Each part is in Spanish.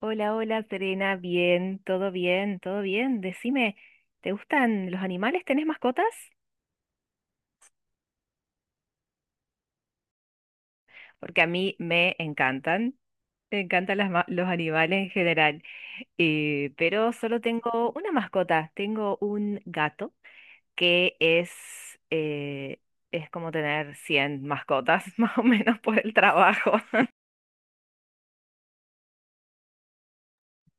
Hola, hola, Serena, bien, todo bien, todo bien. Decime, ¿te gustan los animales? ¿Tenés mascotas? Porque a mí me encantan las los animales en general. Pero solo tengo una mascota, tengo un gato que eh, es como tener 100 mascotas, más o menos por el trabajo.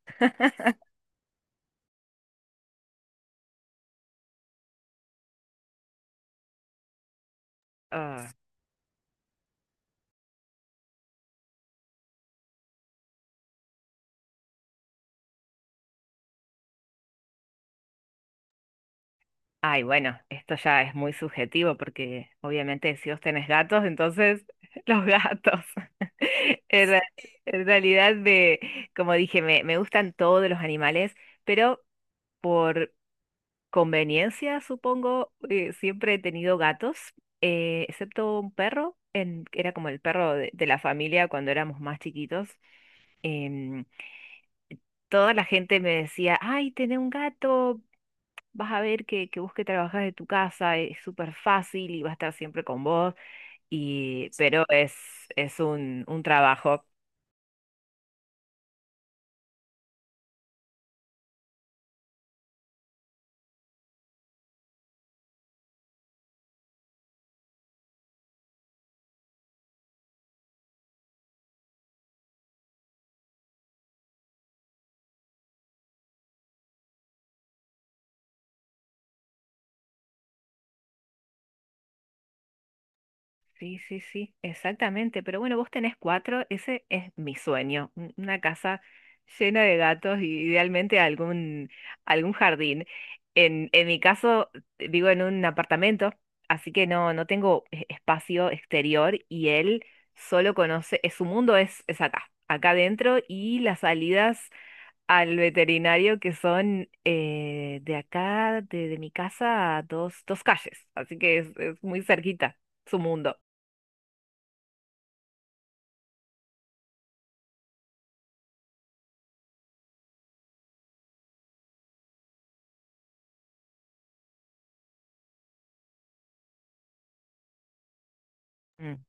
Ah, ay, bueno, esto ya es muy subjetivo porque obviamente si vos tenés gatos, entonces los gatos. En, re- en realidad, como dije, me gustan todos los animales, pero por conveniencia, supongo, siempre he tenido gatos, excepto un perro, que era como el perro de la familia cuando éramos más chiquitos. Em, Toda la gente me decía: ay, tenés un gato, vas a ver que vos, que trabajás de tu casa, es súper fácil y va a estar siempre con vos, pero es un trabajo. Sí, sí, sí, exactamente. Pero bueno, vos tenés cuatro, ese es mi sueño, una casa llena de gatos y, idealmente, algún jardín. En mi caso, vivo en un apartamento, así que no tengo espacio exterior, y él solo conoce, su mundo es acá adentro, y las salidas al veterinario, que son, de acá, de mi casa, a dos calles. Así que es muy cerquita su mundo. Mm.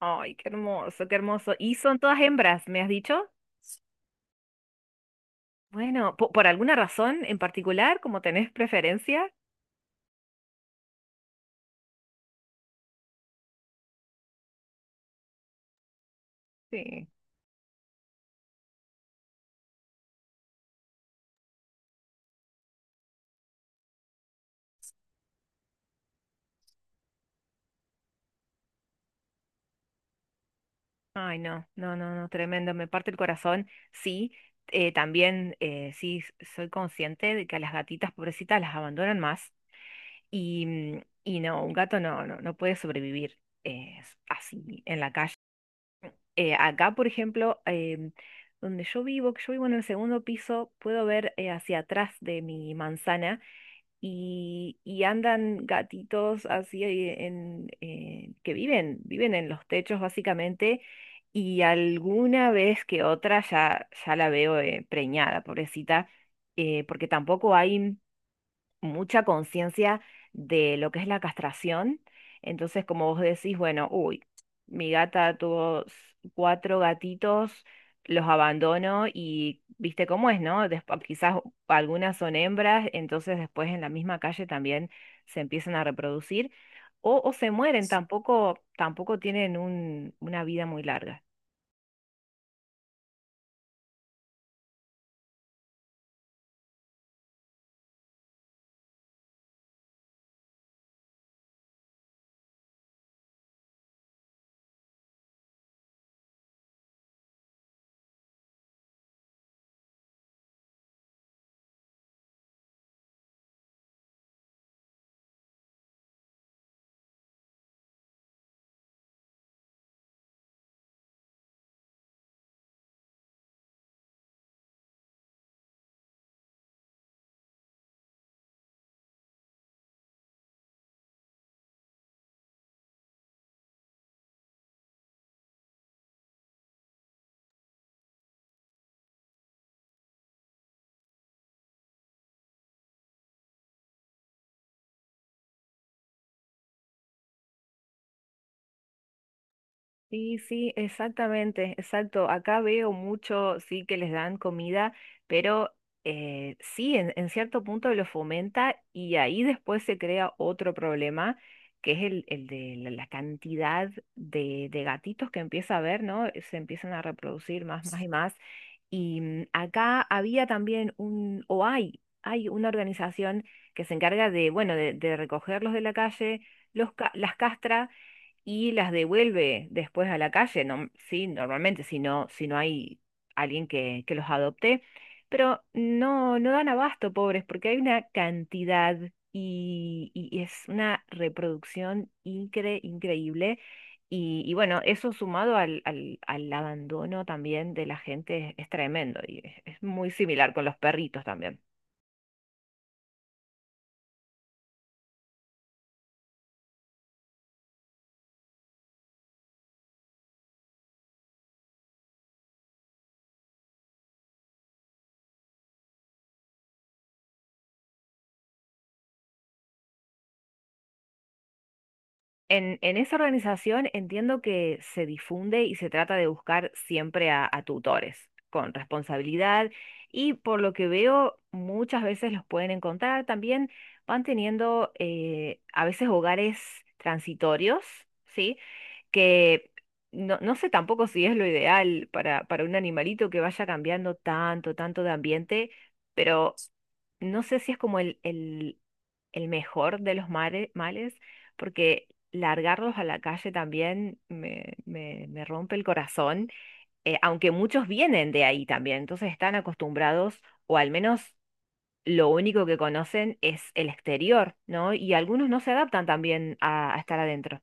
Ay, qué hermoso, qué hermoso. ¿Y son todas hembras, me has dicho? Bueno, ¿por alguna razón en particular, como tenés preferencia? Sí. Ay, no, no, no, no, tremendo, me parte el corazón. Sí, también, sí, soy consciente de que a las gatitas pobrecitas las abandonan más. Y no, un gato no puede sobrevivir, eh, así, en la calle. Acá, por ejemplo, donde yo vivo, que yo vivo en el segundo piso, puedo ver, hacia atrás de mi manzana, y andan gatitos así, que viven en los techos, básicamente. Y alguna vez que otra, ya la veo, preñada, pobrecita, porque tampoco hay mucha conciencia de lo que es la castración. Entonces, como vos decís, bueno, uy, mi gata tuvo cuatro gatitos, los abandono y viste cómo es, ¿no? Quizás algunas son hembras, entonces después en la misma calle también se empiezan a reproducir o se mueren; tampoco tienen una vida muy larga. Sí, sí, exactamente, exacto. Acá veo mucho, sí, que les dan comida, pero, sí, en cierto punto lo fomenta, y ahí después se crea otro problema, que es el de la cantidad de gatitos que empieza a haber, ¿no? Se empiezan a reproducir más, más y más. Y acá había también o hay una organización que se encarga de, bueno, de recogerlos de la calle, las castras y las devuelve después a la calle. No, sí, normalmente, si no hay alguien que los adopte, pero no dan abasto, pobres, porque hay una cantidad, y es una reproducción increíble. Y bueno, eso sumado al abandono también de la gente es tremendo, y es muy similar con los perritos también. En esa organización entiendo que se difunde y se trata de buscar siempre a tutores con responsabilidad, y por lo que veo muchas veces los pueden encontrar. También van teniendo, a veces, hogares transitorios, ¿sí? Que no sé tampoco si es lo ideal para un animalito que vaya cambiando tanto, tanto de ambiente, pero no sé si es como el mejor de los males, porque largarlos a la calle también me rompe el corazón, aunque muchos vienen de ahí también, entonces están acostumbrados, o al menos lo único que conocen es el exterior, ¿no? Y algunos no se adaptan también a estar adentro.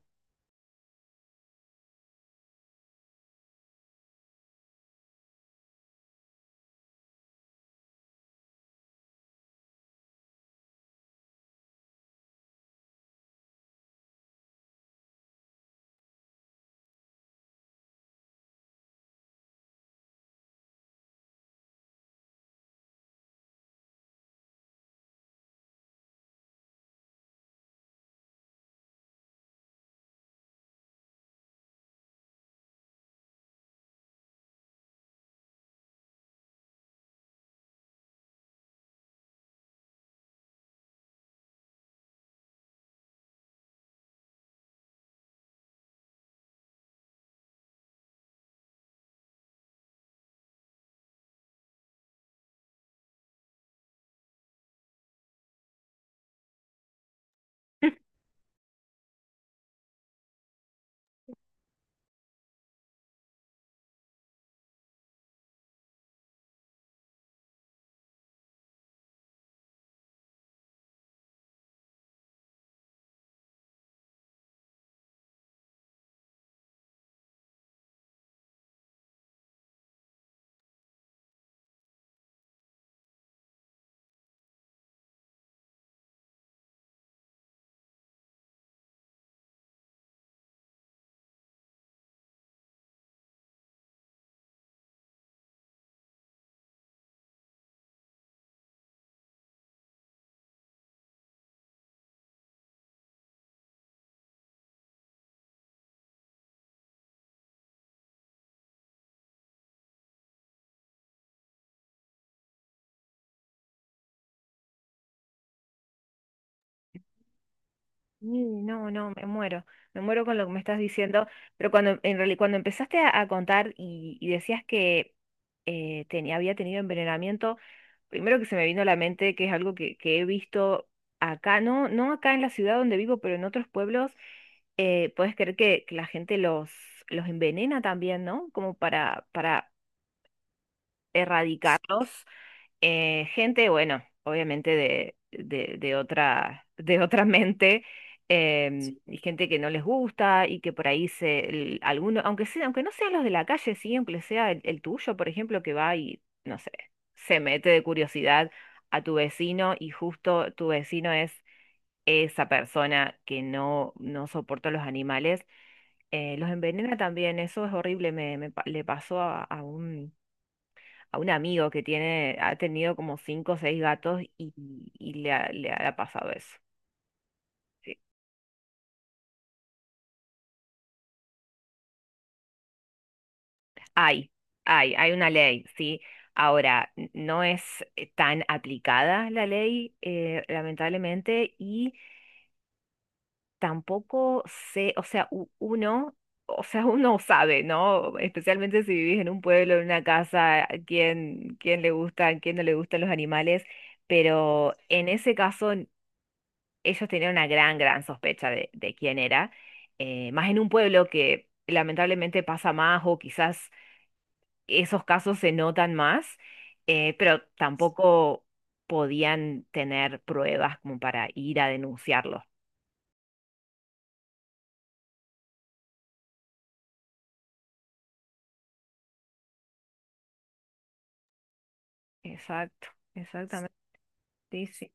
Y no, no, me muero con lo que me estás diciendo, pero cuando empezaste a contar y decías que, había tenido envenenamiento, primero que se me vino a la mente, que es algo que he visto acá, no acá en la ciudad donde vivo, pero en otros pueblos. ¿Puedes creer que la gente los envenena también? ¿No? Como para erradicarlos, gente, bueno, obviamente de otra, de otra mente, y gente que no les gusta, y que por ahí, alguno, aunque sea, aunque no sean los de la calle, siempre sea el tuyo, por ejemplo, que va y, no sé, se mete de curiosidad a tu vecino, y justo tu vecino es esa persona que no soporta los animales, los envenena también. Eso es horrible, le pasó a un amigo que tiene, ha tenido como cinco o seis gatos, y le ha pasado eso. Sí. Hay, hay una ley, ¿sí? Ahora, no es, tan aplicada la ley, lamentablemente, y tampoco sé, o sea, o sea, uno sabe, ¿no? Especialmente si vivís en un pueblo, en una casa, quién le gustan, quién no le gustan los animales. Pero en ese caso ellos tenían una gran, gran sospecha de quién era, más en un pueblo, que lamentablemente pasa más, o quizás esos casos se notan más, pero tampoco podían tener pruebas como para ir a denunciarlo. Exacto, exactamente, sí, sí.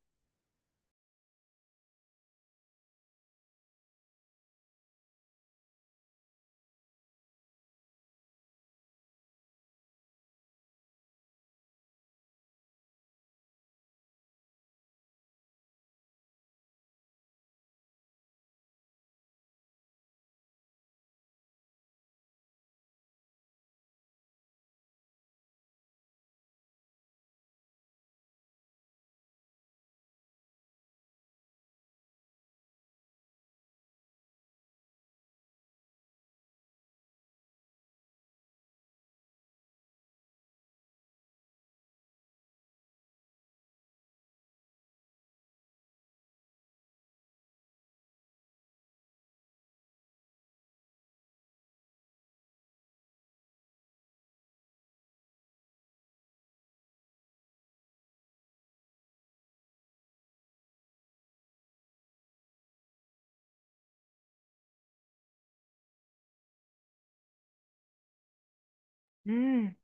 Mm,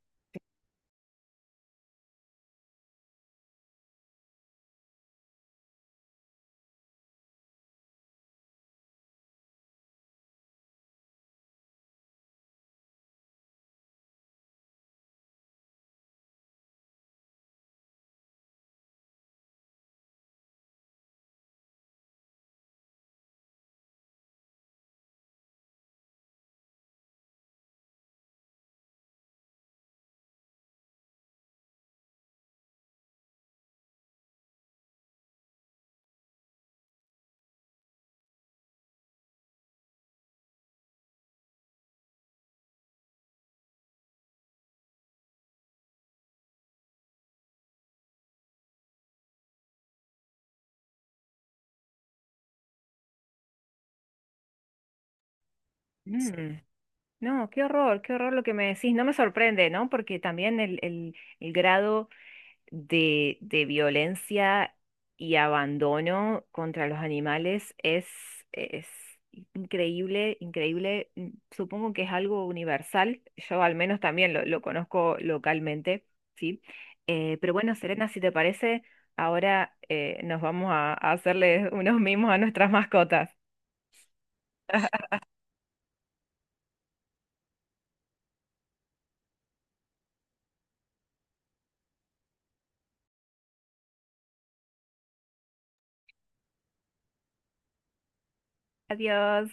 mm. No, qué horror lo que me decís. No me sorprende, ¿no? Porque también el grado de violencia y abandono contra los animales es increíble, increíble. Supongo que es algo universal. Yo al menos también lo conozco localmente, ¿sí? Pero bueno, Serena, si te parece, ahora, nos vamos a hacerle unos mimos a nuestras mascotas. Adiós.